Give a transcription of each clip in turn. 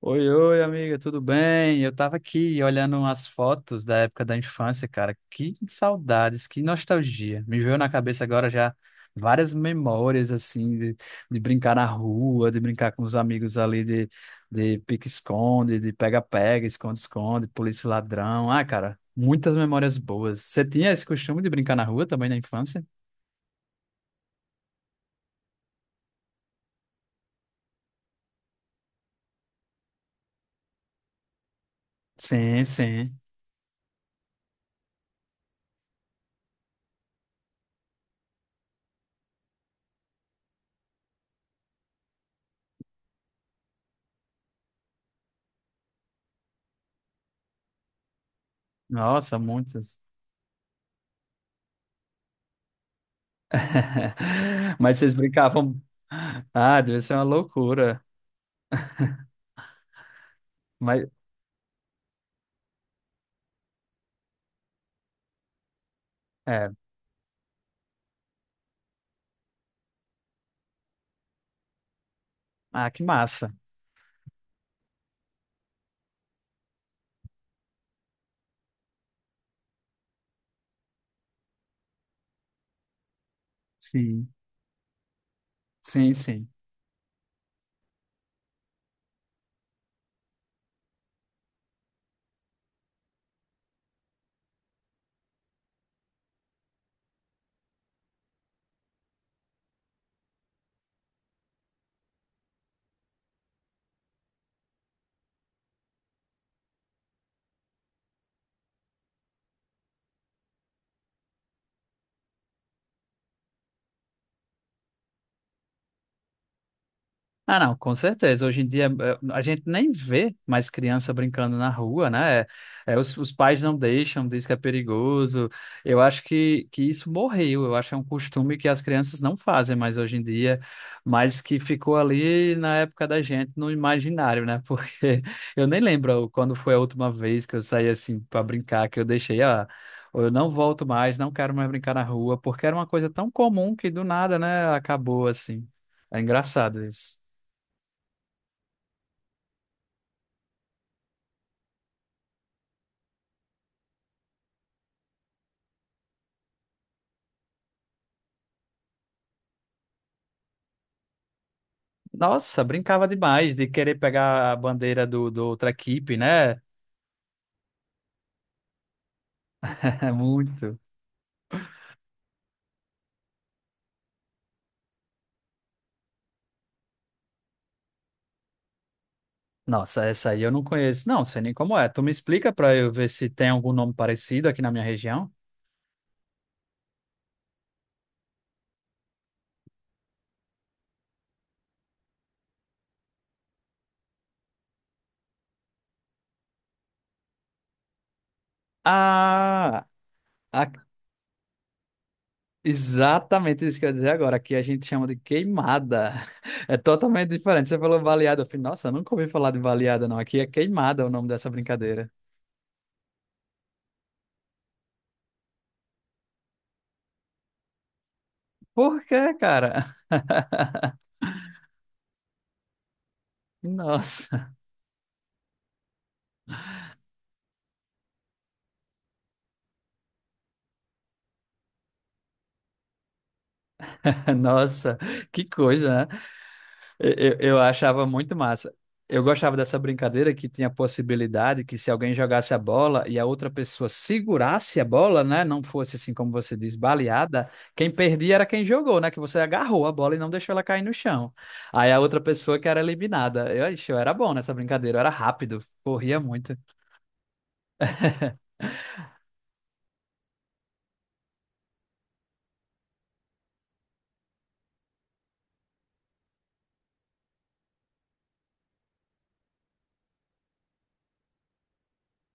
Oi, oi, amiga, tudo bem? Eu tava aqui olhando umas fotos da época da infância, cara. Que saudades, que nostalgia. Me veio na cabeça agora já várias memórias, assim, de brincar na rua, de brincar com os amigos ali, de pique-esconde, de pega-pega, esconde-esconde, polícia e ladrão. Ah, cara, muitas memórias boas. Você tinha esse costume de brincar na rua também na infância? Sim, sim. Nossa, muitas. Mas vocês brincavam. Ah, deve ser uma loucura. Mas, é. Ah, que massa. Sim, sim, sim. Ah, não, com certeza. Hoje em dia a gente nem vê mais criança brincando na rua, né? É, os pais não deixam, diz que é perigoso. Eu acho que isso morreu. Eu acho que é um costume que as crianças não fazem mais hoje em dia, mas que ficou ali na época da gente, no imaginário, né? Porque eu nem lembro quando foi a última vez que eu saí assim para brincar, que eu deixei, ah, eu não volto mais, não quero mais brincar na rua, porque era uma coisa tão comum que do nada, né, acabou assim. É engraçado isso. Nossa, brincava demais de querer pegar a bandeira do outra equipe, né? Muito. Nossa, essa aí eu não conheço. Não, sei nem como é. Tu me explica pra eu ver se tem algum nome parecido aqui na minha região? Ah, a- exatamente isso que eu ia dizer agora. Aqui a gente chama de queimada. É totalmente diferente. Você falou baleada. Eu falei, nossa, eu nunca ouvi falar de baleada, não. Aqui é queimada o nome dessa brincadeira. Por quê, cara? Nossa, nossa, que coisa, né? Eu achava muito massa. Eu gostava dessa brincadeira que tinha a possibilidade que se alguém jogasse a bola e a outra pessoa segurasse a bola, né, não fosse assim como você diz, baleada, quem perdia era quem jogou, né, que você agarrou a bola e não deixou ela cair no chão. Aí a outra pessoa que era eliminada. Eu, ixi, eu era bom nessa brincadeira, eu era rápido, corria muito.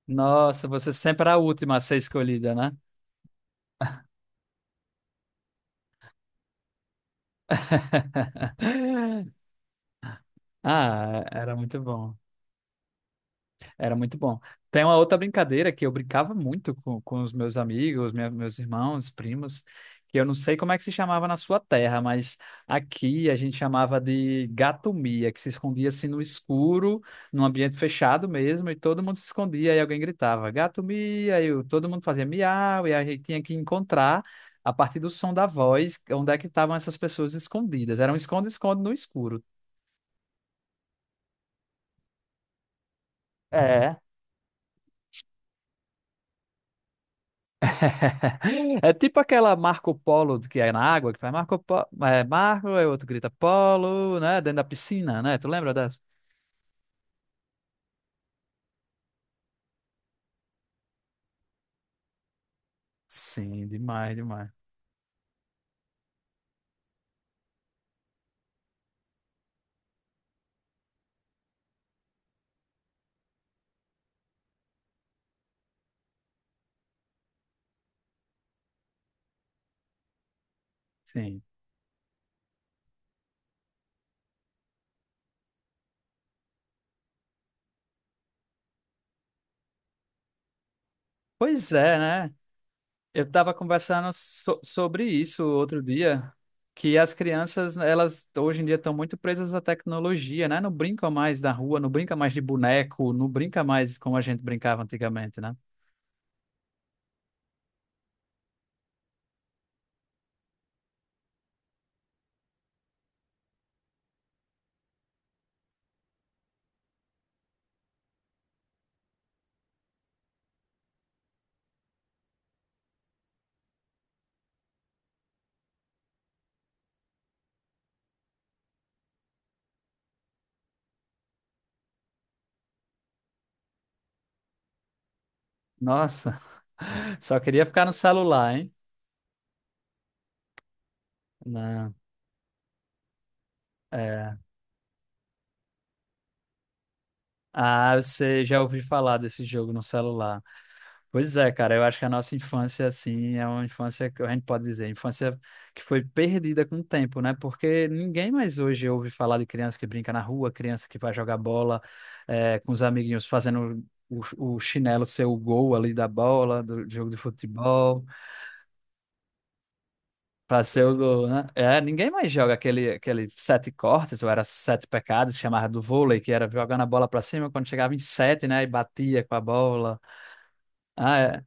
Nossa, você sempre era a última a ser escolhida, né? Ah, era muito bom. Era muito bom. Tem uma outra brincadeira que eu brincava muito com os meus amigos, meus irmãos, primos, que eu não sei como é que se chamava na sua terra, mas aqui a gente chamava de gatomia, que se escondia assim no escuro, num ambiente fechado mesmo, e todo mundo se escondia e alguém gritava gatomia, e todo mundo fazia miau, e a gente tinha que encontrar a partir do som da voz onde é que estavam essas pessoas escondidas. Era um esconde-esconde no escuro. É. É tipo aquela Marco Polo que é na água, que faz Marco Polo, é Marco, aí o outro grita Polo, né? Dentro da piscina, né? Tu lembra dessa? Sim, demais, demais. Sim. Pois é, né? Eu tava conversando sobre isso outro dia, que as crianças, elas hoje em dia estão muito presas à tecnologia, né? Não brincam mais da rua, não brinca mais de boneco, não brinca mais como a gente brincava antigamente, né? Nossa, só queria ficar no celular, hein? Não. É. Ah, você já ouviu falar desse jogo no celular. Pois é, cara, eu acho que a nossa infância, assim, é uma infância que a gente pode dizer, infância que foi perdida com o tempo, né? Porque ninguém mais hoje ouve falar de criança que brinca na rua, criança que vai jogar bola, com os amiguinhos fazendo o, o chinelo ser o gol ali da bola, do jogo de futebol, pra ser o gol, né? É, ninguém mais joga aquele, aquele sete cortes, ou era sete pecados, chamava do vôlei, que era jogando a bola pra cima, quando chegava em sete, né? E batia com a bola. Ah, é,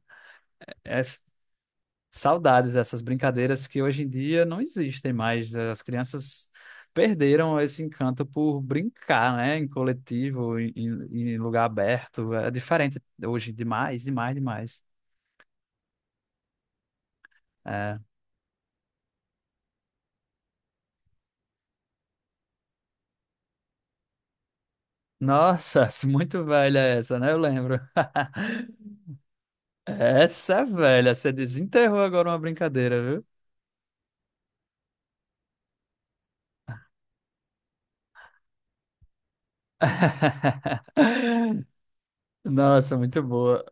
é s- saudades essas brincadeiras que hoje em dia não existem mais. As crianças perderam esse encanto por brincar, né, em coletivo, em lugar aberto. É diferente hoje demais, demais, demais. É. Nossa, muito velha essa, né? Eu lembro. Essa é velha, você desenterrou agora uma brincadeira, viu? Nossa, muito boa.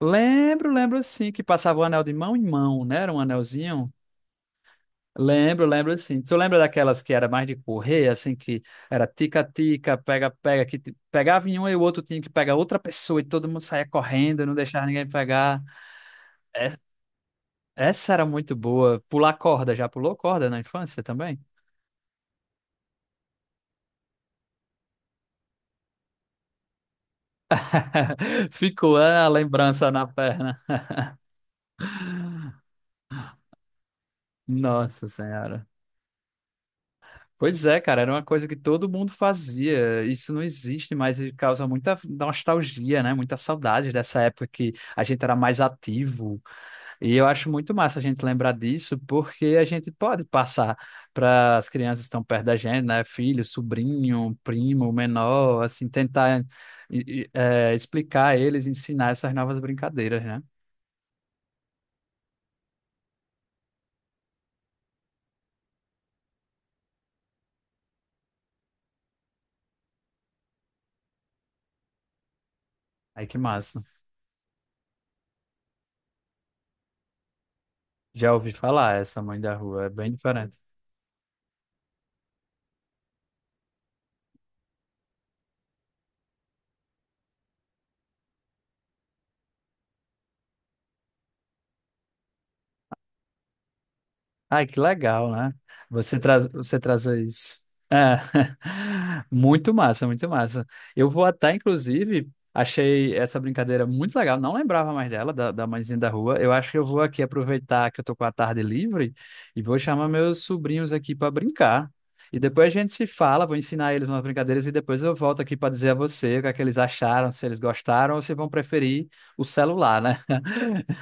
Lembro, lembro sim, que passava o anel de mão em mão, né? Era um anelzinho. Lembro, lembro sim. Tu lembra daquelas que era mais de correr, assim, que era tica-tica, pega-pega, pegava em um e o outro tinha que pegar outra pessoa e todo mundo saía correndo, não deixava ninguém pegar. Es- Essa era muito boa. Pular corda, já pulou corda na infância também? Ficou ah, a lembrança na perna. Nossa Senhora. Pois é, cara, era uma coisa que todo mundo fazia. Isso não existe mais e causa muita nostalgia, né? Muita saudade dessa época que a gente era mais ativo. E eu acho muito massa a gente lembrar disso, porque a gente pode passar para as crianças que estão perto da gente, né? Filho, sobrinho, primo, menor, assim, tentar explicar a eles, ensinar essas novas brincadeiras, né? Aí que massa. Já ouvi falar essa mãe da rua, é bem diferente. Ai, que legal, né? Você traz, você trazer isso. É. Muito massa, muito massa. Eu vou até, inclusive, achei essa brincadeira muito legal. Não lembrava mais dela, da Mãezinha da Rua. Eu acho que eu vou aqui aproveitar que eu tô com a tarde livre e vou chamar meus sobrinhos aqui para brincar. E depois a gente se fala, vou ensinar eles umas brincadeiras e depois eu volto aqui para dizer a você o que é que eles acharam, se eles gostaram ou se vão preferir o celular, né?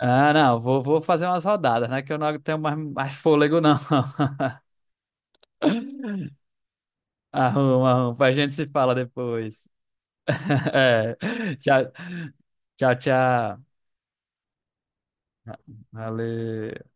Ah, não, vou, vou fazer umas rodadas, né? Que eu não tenho mais fôlego, não. Arruma, arruma, a gente se fala depois. É. Tchau, tchau, tchau. Valeu.